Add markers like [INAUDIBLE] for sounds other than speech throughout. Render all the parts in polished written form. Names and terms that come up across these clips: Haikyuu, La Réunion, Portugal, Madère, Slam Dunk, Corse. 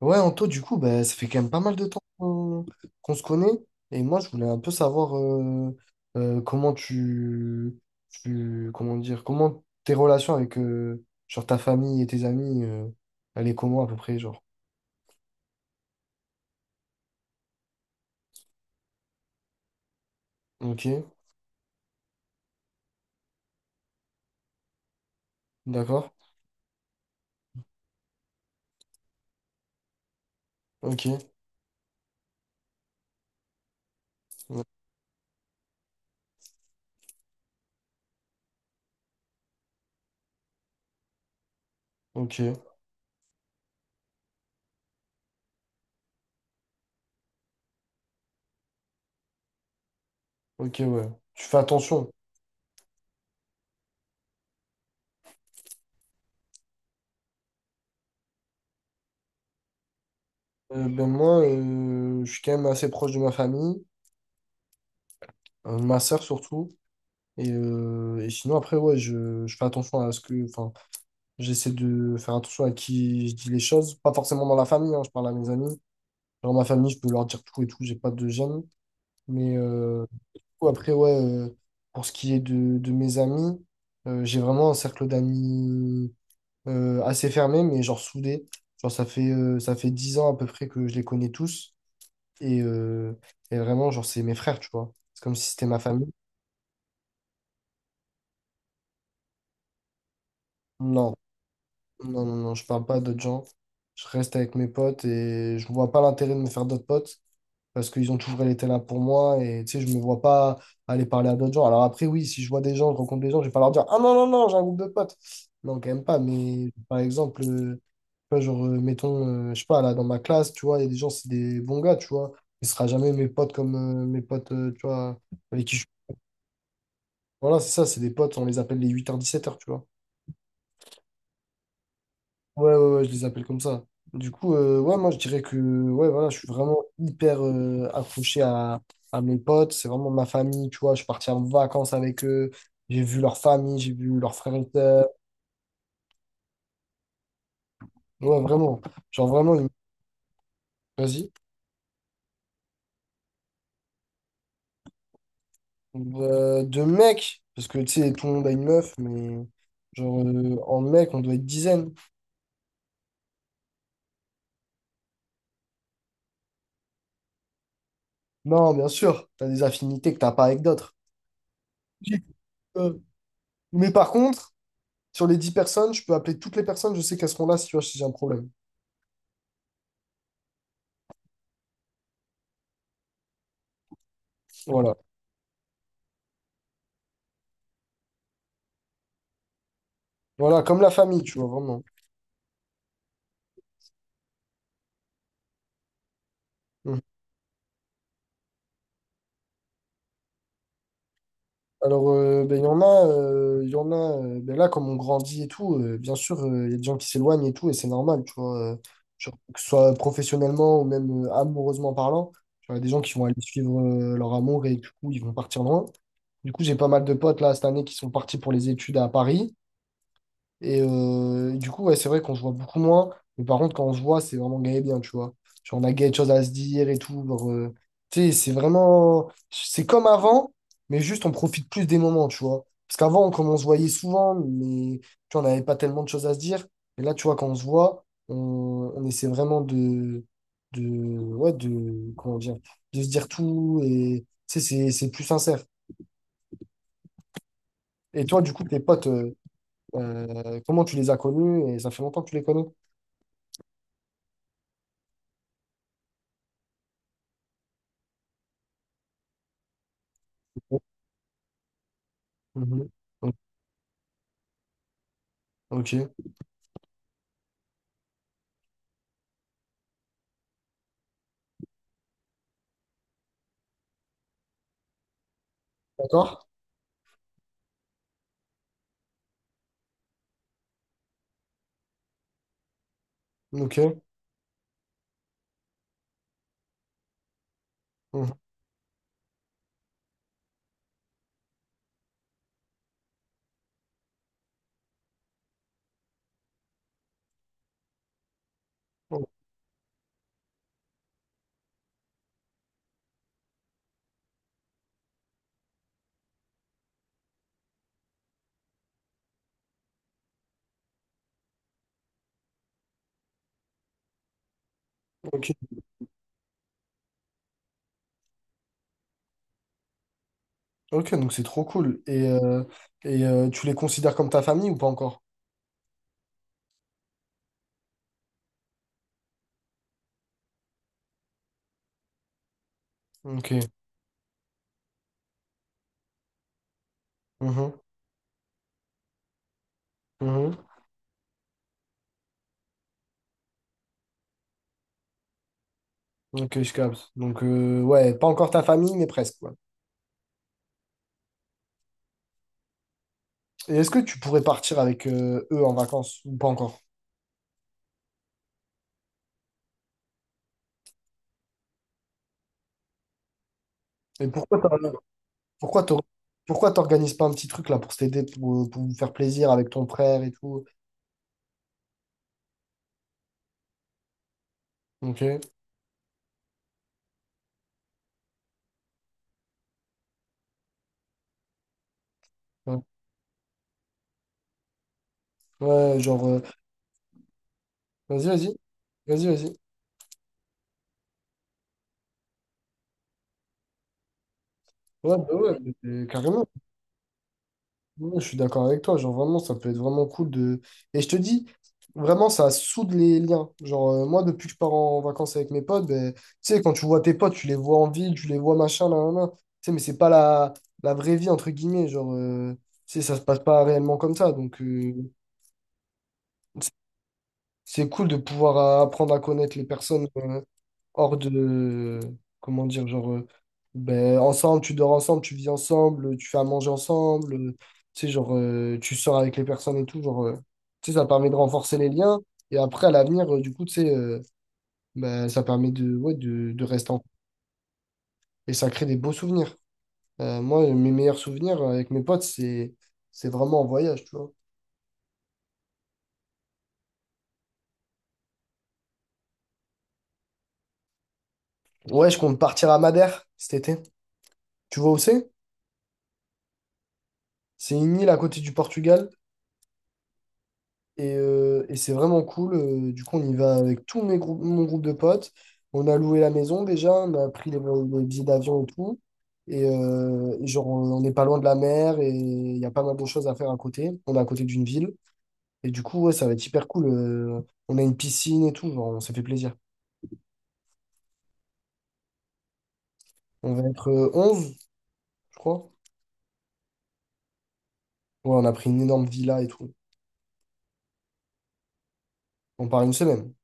Ouais, Anto, du coup, bah, ça fait quand même pas mal de temps qu'on se connaît. Et moi, je voulais un peu savoir comment comment dire? Comment tes relations avec genre ta famille et tes amis, elle est comment à peu près, genre? Ok, d'accord? Ok, ouais, ok, ok, ouais. Tu fais attention. Ben moi, je suis quand même assez proche de ma famille, ma sœur surtout. Et sinon, après, ouais, je fais attention à ce que, enfin, j'essaie de faire attention à qui je dis les choses. Pas forcément dans la famille, hein, je parle à mes amis. Dans ma famille, je peux leur dire tout et tout, j'ai pas de gêne. Mais du coup, après, ouais, pour ce qui est de mes amis, j'ai vraiment un cercle d'amis assez fermé, mais genre soudé. Genre, ça fait 10 ans à peu près que je les connais tous. Et, euh, et vraiment, genre, c'est mes frères, tu vois. C'est comme si c'était ma famille. Non, non, non, non, je parle pas à d'autres gens. Je reste avec mes potes et je vois pas l'intérêt de me faire d'autres potes. Parce qu'ils ont toujours été là pour moi et tu sais, je me vois pas aller parler à d'autres gens. Alors après, oui, si je vois des gens, je rencontre des gens, je vais pas leur dire, ah non, non, non, j'ai un groupe de potes. Non, quand même pas, mais par exemple, tu vois, genre, mettons, je sais pas, là, dans ma classe, tu vois, il y a des gens, c'est des bons gars, tu vois, mais ce sera jamais mes potes comme mes potes, tu vois, avec qui je... Voilà, c'est ça, c'est des potes, on les appelle les 8h-17h, tu vois. Ouais, ouais, ouais, je les appelle comme ça. Du coup, ouais, moi, je dirais que ouais, voilà, je suis vraiment hyper accroché à mes potes. C'est vraiment ma famille, tu vois. Je suis parti en vacances avec eux. J'ai vu leur famille, j'ai vu leurs frères et sœurs. Ouais, vraiment. Genre, vraiment, vas-y. De mecs, parce que, tu sais, tout le monde a une meuf, mais genre, en mec, on doit être dizaines. Non, bien sûr, t'as des affinités que t'as pas avec d'autres. [LAUGHS] J'ai- Euh, mais par contre, sur les 10 personnes, je peux appeler toutes les personnes, je sais qu'elles seront là si, tu vois, si j'ai un problème. Voilà. Voilà, comme la famille, tu vois, vraiment. Mm. Alors, ben, il y en a, il y en a ben, là, comme on grandit et tout, bien sûr, il y a des gens qui s'éloignent et tout, et c'est normal, tu vois, genre, que ce soit professionnellement ou même amoureusement parlant, tu vois, il y a des gens qui vont aller suivre leur amour et du coup, ils vont partir loin. Du coup, j'ai pas mal de potes là cette année qui sont partis pour les études à Paris. Et du coup, ouais, c'est vrai qu'on se voit beaucoup moins. Mais par contre, quand on se voit, c'est vraiment gay et bien, tu vois. Genre, on a quelque chose à se dire et tout. Genre, tu sais, c'est vraiment, c'est comme avant, mais juste on profite plus des moments, tu vois. Parce qu'avant, comme on se voyait souvent, mais tu vois, on n'avait pas tellement de choses à se dire. Et là, tu vois, quand on se voit, on essaie vraiment de, ouais, de. Comment dire? De se dire tout. Et tu sais, c'est plus sincère. Et toi, du coup, tes potes, comment tu les as connus? Et ça fait longtemps que tu les connais? Mhm. Ok. D'accord? Ok. Mhm. Ok. Ok, donc c'est trop cool. Et tu les considères comme ta famille ou pas encore? Ok. Mhm. Mhm. Ok, je capte. Donc, ouais, pas encore ta famille, mais presque, quoi. Et est-ce que tu pourrais partir avec eux en vacances ou pas encore? Et pourquoi t'or- pourquoi t'organises pas un petit truc là pour t'aider, pour vous faire plaisir avec ton frère et tout? Ok. Ouais, ouais, genre, vas-y, vas-y. Vas-y, vas-y. Ouais, bah ouais, mais carrément. Ouais, je suis d'accord avec toi, genre vraiment, ça peut être vraiment cool de... Et je te dis, vraiment, ça soude les liens. Genre, moi, depuis que je pars en vacances avec mes potes, ben, tu sais, quand tu vois tes potes, tu les vois en ville, tu les vois machin, là, là, là. Tu sais, mais c'est pas la vraie vie, entre guillemets, genre, tu sais, ça se passe pas réellement comme ça, donc c'est cool de pouvoir apprendre à connaître les personnes, hors de, comment dire, genre, ben, ensemble, tu dors ensemble, tu vis ensemble, tu fais à manger ensemble, tu sais, genre, tu sors avec les personnes et tout, genre, tu sais, ça permet de renforcer les liens. Et après, à l'avenir, du coup, tu sais, ben, ça permet de, ouais, de rester en... Et ça crée des beaux souvenirs. Moi, mes meilleurs souvenirs avec mes potes, c'est vraiment en voyage, tu vois. Ouais, je compte partir à Madère cet été. Tu vois où c'est? C'est une île à côté du Portugal. Et c'est vraiment cool. Du coup, on y va avec mon groupe de potes. On a loué la maison déjà, on a pris les billets d'avion et tout. Et genre, on n'est pas loin de la mer et il y a pas mal de choses à faire à côté. On est à côté d'une ville. Et du coup, ouais, ça va être hyper cool. On a une piscine et tout, genre, on s'est fait plaisir. On va être 11, je crois. Ouais, on a pris une énorme villa et tout. On part une semaine.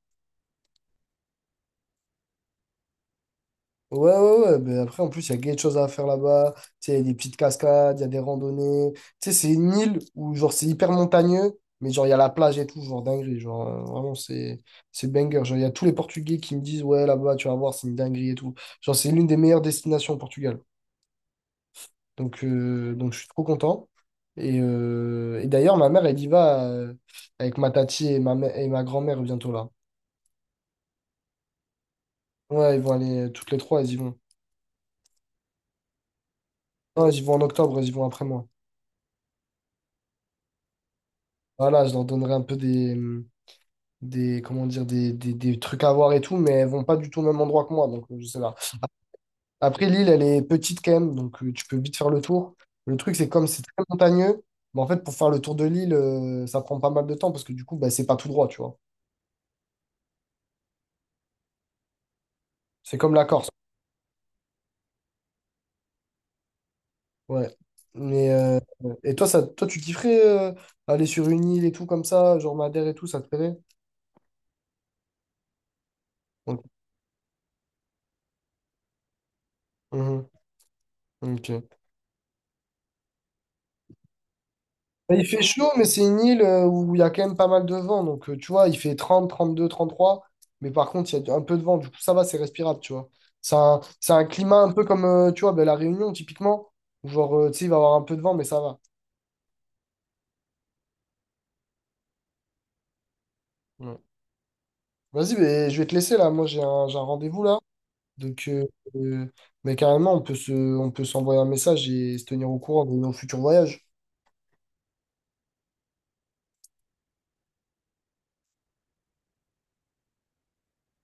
Ouais, ouais, ouais. Mais après, en plus, il y a gay de choses à faire là-bas. Tu sais, il y a des petites cascades, il y a des randonnées. Tu sais, c'est une île où, genre, c'est hyper montagneux, mais genre, il y a la plage et tout, genre, dinguerie. Genre, vraiment, c'est banger. Genre, il y a tous les Portugais qui me disent, ouais, là-bas, tu vas voir, c'est une dinguerie et tout. Genre, c'est l'une des meilleures destinations au Portugal. Donc je suis trop content. Et d'ailleurs, ma mère, elle y va avec ma tati et ma grand-mère bientôt là. Ouais, ils vont aller, toutes les trois, elles y vont. Non, elles y vont en octobre, elles y vont après moi. Voilà, je leur donnerai un peu des comment dire, des trucs à voir et tout, mais elles vont pas du tout au même endroit que moi, donc je sais pas. Après, l'île, elle est petite quand même, donc tu peux vite faire le tour. Le truc, c'est comme c'est très montagneux, mais en fait, pour faire le tour de l'île, ça prend pas mal de temps parce que du coup, bah, c'est pas tout droit, tu vois. C'est comme la Corse. Ouais. Mais, et toi, tu kifferais aller sur une île et tout comme ça, genre Madère et tout, ça te plairait? Ok. Mhm. Ok. Il fait chaud, mais c'est une île où il y a quand même pas mal de vent. Donc, tu vois, il fait 30, 32, 33. Mais par contre, il y a un peu de vent. Du coup, ça va, c'est respirable, tu vois. C'est un climat un peu comme, tu vois, ben, La Réunion, typiquement, où genre, tu sais, il va y avoir un peu de vent, mais ça va. Ouais. Vas-y, ben, je vais te laisser, là. Moi, j'ai un rendez-vous, là. Donc, euh, mais carrément, on peut s'envoyer un message et se tenir au courant de nos futurs voyages.